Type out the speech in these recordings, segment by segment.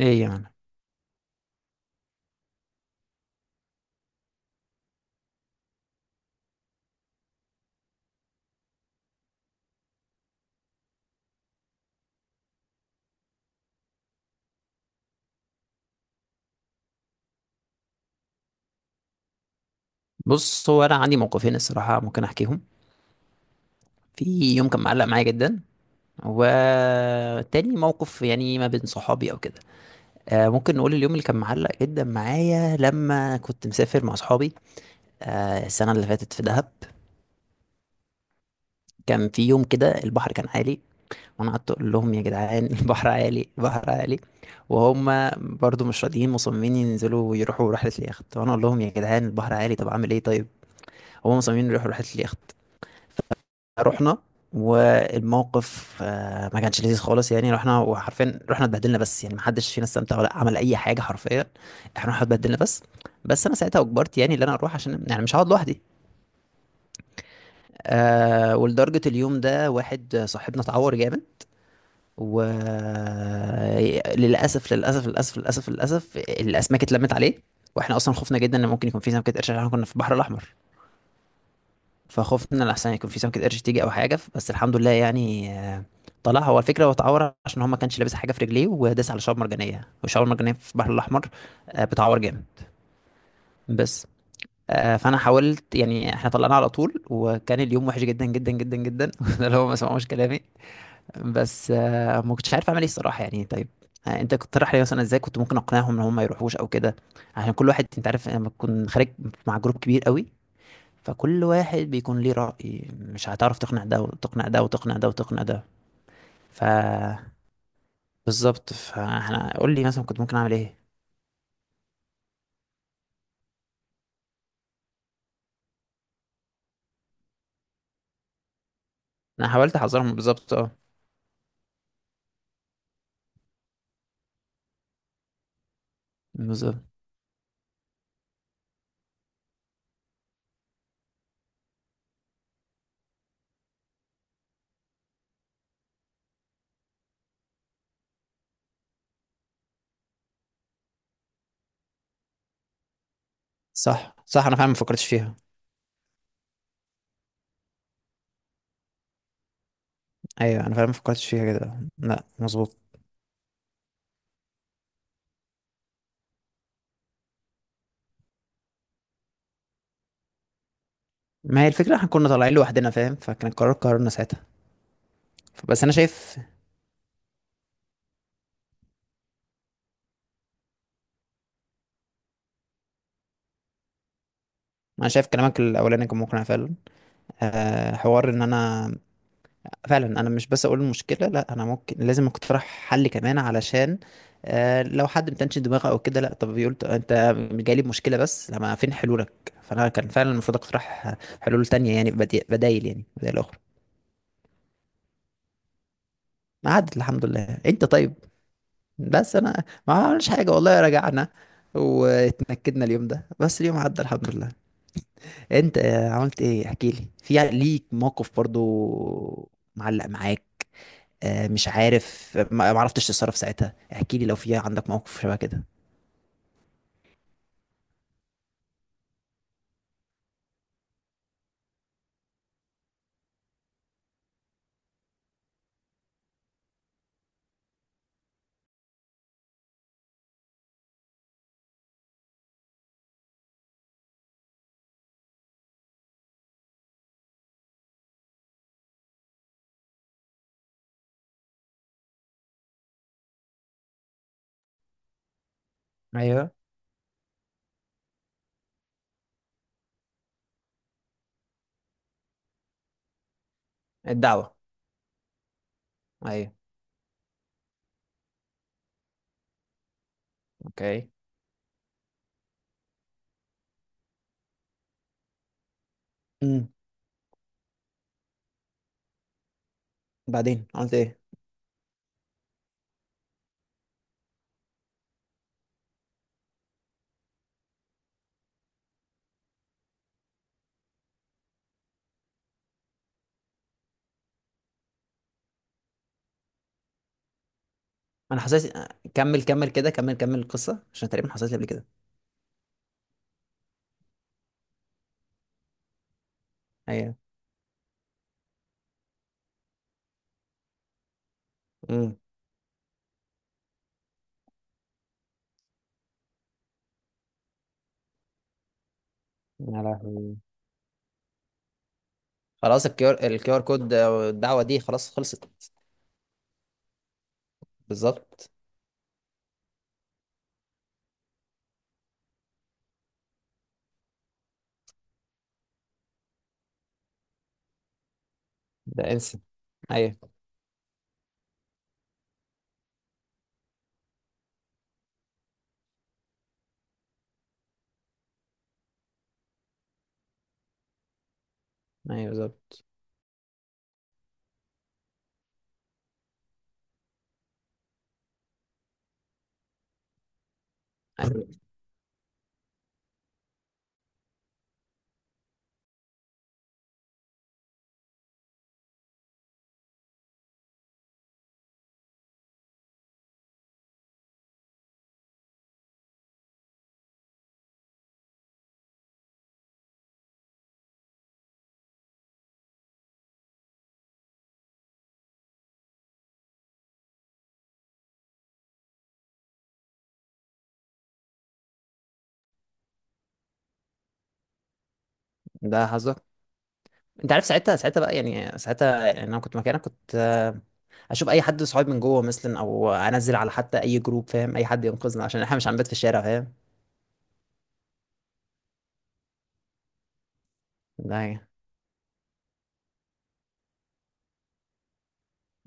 ايه يعني؟ بص، هو انا عندي موقفين الصراحه ممكن احكيهم. في يوم كان معلق معايا جدا، وتاني موقف يعني، ما بين صحابي او كده. ممكن نقول اليوم اللي كان معلق جدا معايا لما كنت مسافر مع صحابي. السنه اللي فاتت في دهب، كان في يوم كده البحر كان عالي، وانا قعدت اقول لهم يا جدعان، البحر عالي البحر عالي، وهم برضو مش راضيين، مصممين ينزلوا ويروحوا رحله اليخت، وانا اقول لهم يا جدعان البحر عالي، طب اعمل ايه؟ طيب، هم مصممين يروحوا رحله اليخت. رحنا، والموقف ما كانش لذيذ خالص، يعني رحنا، وحرفيا رحنا اتبهدلنا بس، يعني ما حدش فينا استمتع ولا عمل اي حاجه حرفيا. احنا رحنا اتبهدلنا بس. بس انا ساعتها اجبرت، يعني ان انا اروح عشان يعني مش هقعد لوحدي. ولدرجه اليوم ده واحد صاحبنا اتعور جامد، وللاسف للاسف للاسف للاسف للاسف الاسماك اتلمت عليه، واحنا اصلا خفنا جدا ان ممكن يكون في سمكه قرش، عشان احنا كنا في البحر الاحمر، فخفنا لحسن يكون في سمكة قرش تيجي أو حاجة، بس الحمد لله يعني. طلع هو الفكرة هو اتعور عشان هو ما كانش لابس حاجة في رجليه، وداس على شعاب مرجانية، والشعاب المرجانية في البحر الأحمر بتعور جامد. بس فأنا حاولت، يعني احنا طلعنا على طول، وكان اليوم وحش جدا جدا جدا جدا ده اللي هو ما سمعوش كلامي. بس ما كنتش عارف أعمل إيه الصراحة، يعني. طيب، انت كنت تقترح لي مثلا، ازاي كنت ممكن اقنعهم ان هم ما يروحوش او كده؟ عشان كل واحد، انت عارف، لما تكون خارج مع جروب كبير قوي، فكل واحد بيكون ليه رأي، مش هتعرف تقنع ده وتقنع ده وتقنع ده وتقنع ده. ف بالظبط، فاحنا، قول لي مثلا كنت ممكن اعمل ايه؟ انا حاولت احذرهم بالظبط، بالظبط. صح صح، انا فعلا ما فكرتش فيها. ايوه، انا فعلا ما فكرتش فيها كده، لا، مظبوط. ما هي الفكره احنا كنا طالعين لوحدنا، فاهم؟ فكان القرار قرارنا ساعتها. بس انا شايف كلامك الاولاني كان مقنع فعلا. حوار ان انا فعلا انا مش بس اقول المشكله، لا، انا ممكن لازم اقترح حل كمان، علشان لو حد متنش دماغه او كده، لا طب بيقول، انت جاي لي بمشكله، بس لما فين حلولك؟ فانا كان فعلا المفروض اقترح حلول تانية، يعني بدايل، يعني بدايل اخرى. عدت الحمد لله، انت طيب. بس انا ما عملش حاجه والله، رجعنا واتنكدنا اليوم ده، بس اليوم عدى الحمد لله. انت عملت ايه؟ احكي لي، في ليك موقف برضو معلق معاك؟ مش عارف، ما عرفتش تتصرف ساعتها؟ احكي لي لو في عندك موقف شبه كده. ايوه، الدعوة. ايوه. اوكي. امم. بعدين عملت ايه؟ انا حسيت، كمل كمل كده، كمل كمل القصة عشان تقريبا حصلت لي قبل كده. ايوه. امم. يا لهوي! خلاص، الكيو ار كود، الدعوة دي خلاص خلصت. بالظبط، ده انسى. ايوه، ايوه. بالظبط. أيوة. ده حظك، انت عارف ساعتها بقى، يعني ساعتها، يعني انا كنت مكانك، كنت. اشوف اي حد صحابي من جوه مثلا، او انزل على حتى اي جروب، فاهم، اي حد ينقذنا عشان احنا مش هنبات في الشارع، فاهم؟ ده يعني.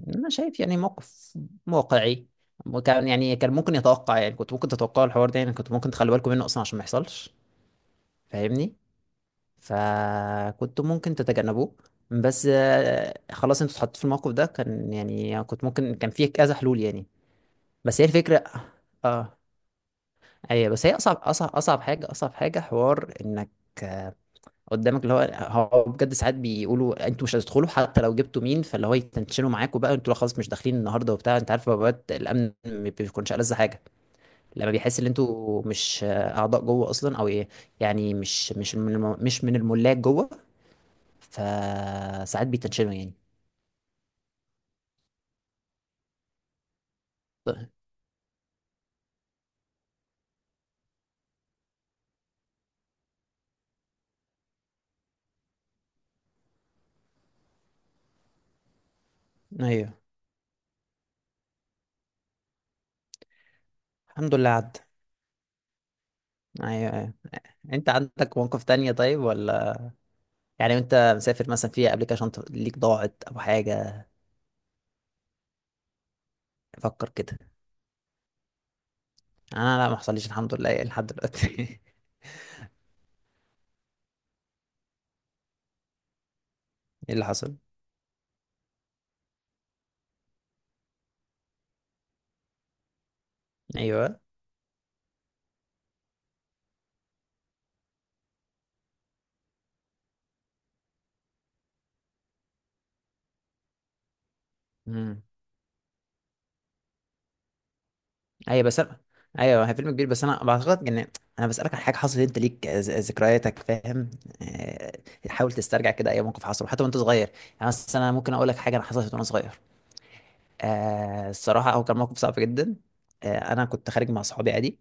انا شايف يعني موقف واقعي، وكان يعني كان ممكن يتوقع، يعني كنت ممكن تتوقع الحوار ده، يعني كنت ممكن تخلوا بالكم منه اصلا عشان ما يحصلش. فاهمني؟ فكنت ممكن تتجنبوه. بس خلاص انتوا اتحطيتوا في الموقف ده، كان يعني كنت ممكن، كان فيه كذا حلول يعني. بس هي الفكرة. اه ايوه، بس هي اصعب اصعب اصعب حاجه، اصعب حاجه، حوار انك آه، قدامك اللي هو، هو بجد ساعات بيقولوا انتوا مش هتدخلوا حتى لو جبتوا مين، فاللي هو يتنشنوا معاكوا بقى، انتوا لا، خلاص مش داخلين النهارده وبتاع، انت عارف بقى الامن ما بيكونش ألذ حاجه لما بيحس ان انتوا مش اعضاء جوه اصلا، او ايه، يعني مش مش مش من الملاك جوه. فساعات بيتنشنوا يعني. طيب. ايوه، الحمد لله عدى. ايوه ايوه. انت عندك مواقف تانية طيب، ولا؟ يعني انت مسافر مثلا، في ابلكيشن ليك ضاعت او حاجه؟ افكر كده. انا لا، ما حصليش الحمد لله، إيه، لحد دلوقتي ايه اللي حصل؟ ايوه. امم. ايوه بس أنا... ايوه هي فيلم كبير، بس انا بعتقد ان انا بسالك عن حاجه حصلت انت ليك، ذكرياتك، فاهم؟ آه، حاول تسترجع كده اي موقف حصل حتى وانت صغير. يعني مثلا انا ممكن اقول لك حاجه انا حصلت وانا صغير. الصراحه هو كان موقف صعب جدا. انا كنت خارج مع صحابي عادي،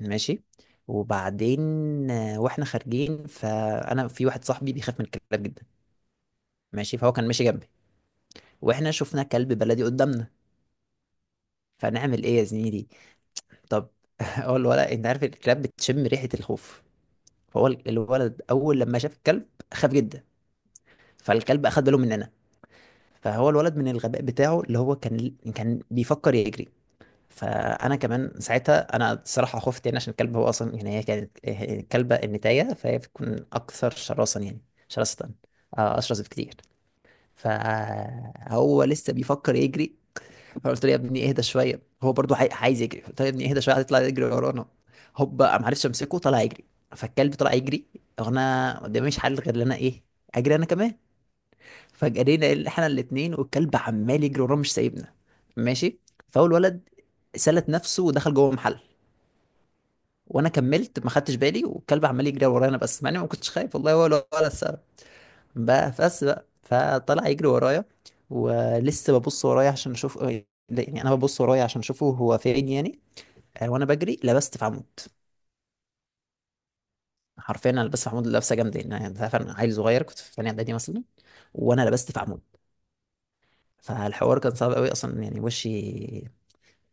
ماشي، وبعدين واحنا خارجين، فانا في واحد صاحبي بيخاف من الكلاب جدا، ماشي، فهو كان ماشي جنبي، واحنا شفنا كلب بلدي قدامنا. فنعمل ايه يا زميلي؟ طب، هو الولد، انت عارف الكلاب بتشم ريحة الخوف، فهو الولد اول لما شاف الكلب خاف جدا، فالكلب اخد باله مننا، فهو الولد من الغباء بتاعه اللي هو كان بيفكر يجري، فانا كمان ساعتها انا الصراحه خفت، يعني عشان الكلب هو اصلا، يعني هي كانت، هي كلبه النتايه، فهي بتكون اكثر شراسه يعني. شراسه، اشرس بكتير. فهو لسه بيفكر يجري، فقلت له يا ابني اهدى شويه، هو برضو عايز يجري. قلت له يا ابني اهدى شويه، هتطلع يجري ورانا. هوب، ما عرفتش امسكه، طلع يجري، فالكلب طلع يجري، وانا قدامي مش حل غير ان انا ايه، اجري انا كمان. فجرينا احنا الاثنين، والكلب عمال يجري ورانا مش سايبنا، ماشي، فاول ولد سلت نفسه ودخل جوه محل، وانا كملت ما خدتش بالي، والكلب عمال يجري ورانا، بس مع اني ما كنتش خايف والله، ولا السبب بقى، بس بقى فطلع يجري ورايا، ولسه ببص ورايا عشان اشوف، يعني انا ببص ورايا عشان اشوفه هو فين يعني. وانا بجري لبست في عمود، حرفيا انا لبست في عمود لبسه جامده، يعني انت عارف، انا عيل صغير، كنت في ثانيه اعدادي مثلا، وانا لبست في عمود. فالحوار كان صعب قوي اصلا، يعني وشي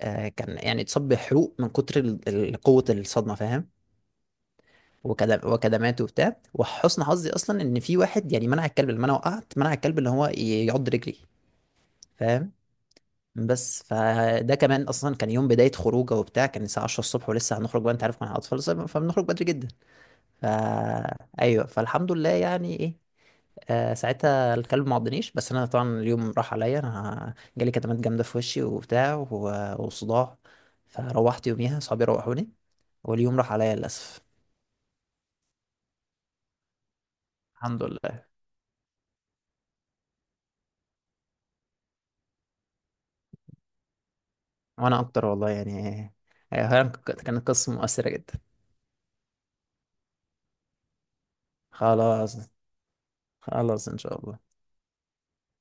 كان، يعني اتصاب بحروق من كتر قوه الصدمه، فاهم، وكدمات وبتاع. وحسن حظي اصلا ان في واحد يعني منع الكلب، لما انا وقعت منع الكلب اللي هو يعض رجلي، فاهم؟ بس فده كمان اصلا كان يوم بدايه خروجه وبتاع، كان الساعه 10 الصبح، ولسه هنخرج بقى، انت عارف مع الاطفال فبنخرج بدري جدا. ايوه، فالحمد لله يعني ايه، ساعتها الكلب ما عضنيش، بس انا طبعا اليوم راح عليا، انا جالي كدمات جامده في وشي وبتاع و- وصداع، فروحت يوميها صحابي روحوني، واليوم راح عليا للاسف. الحمد لله. وانا اكتر والله، يعني هي كانت قصه مؤثره جدا. خلاص، خلاص ان شاء الله.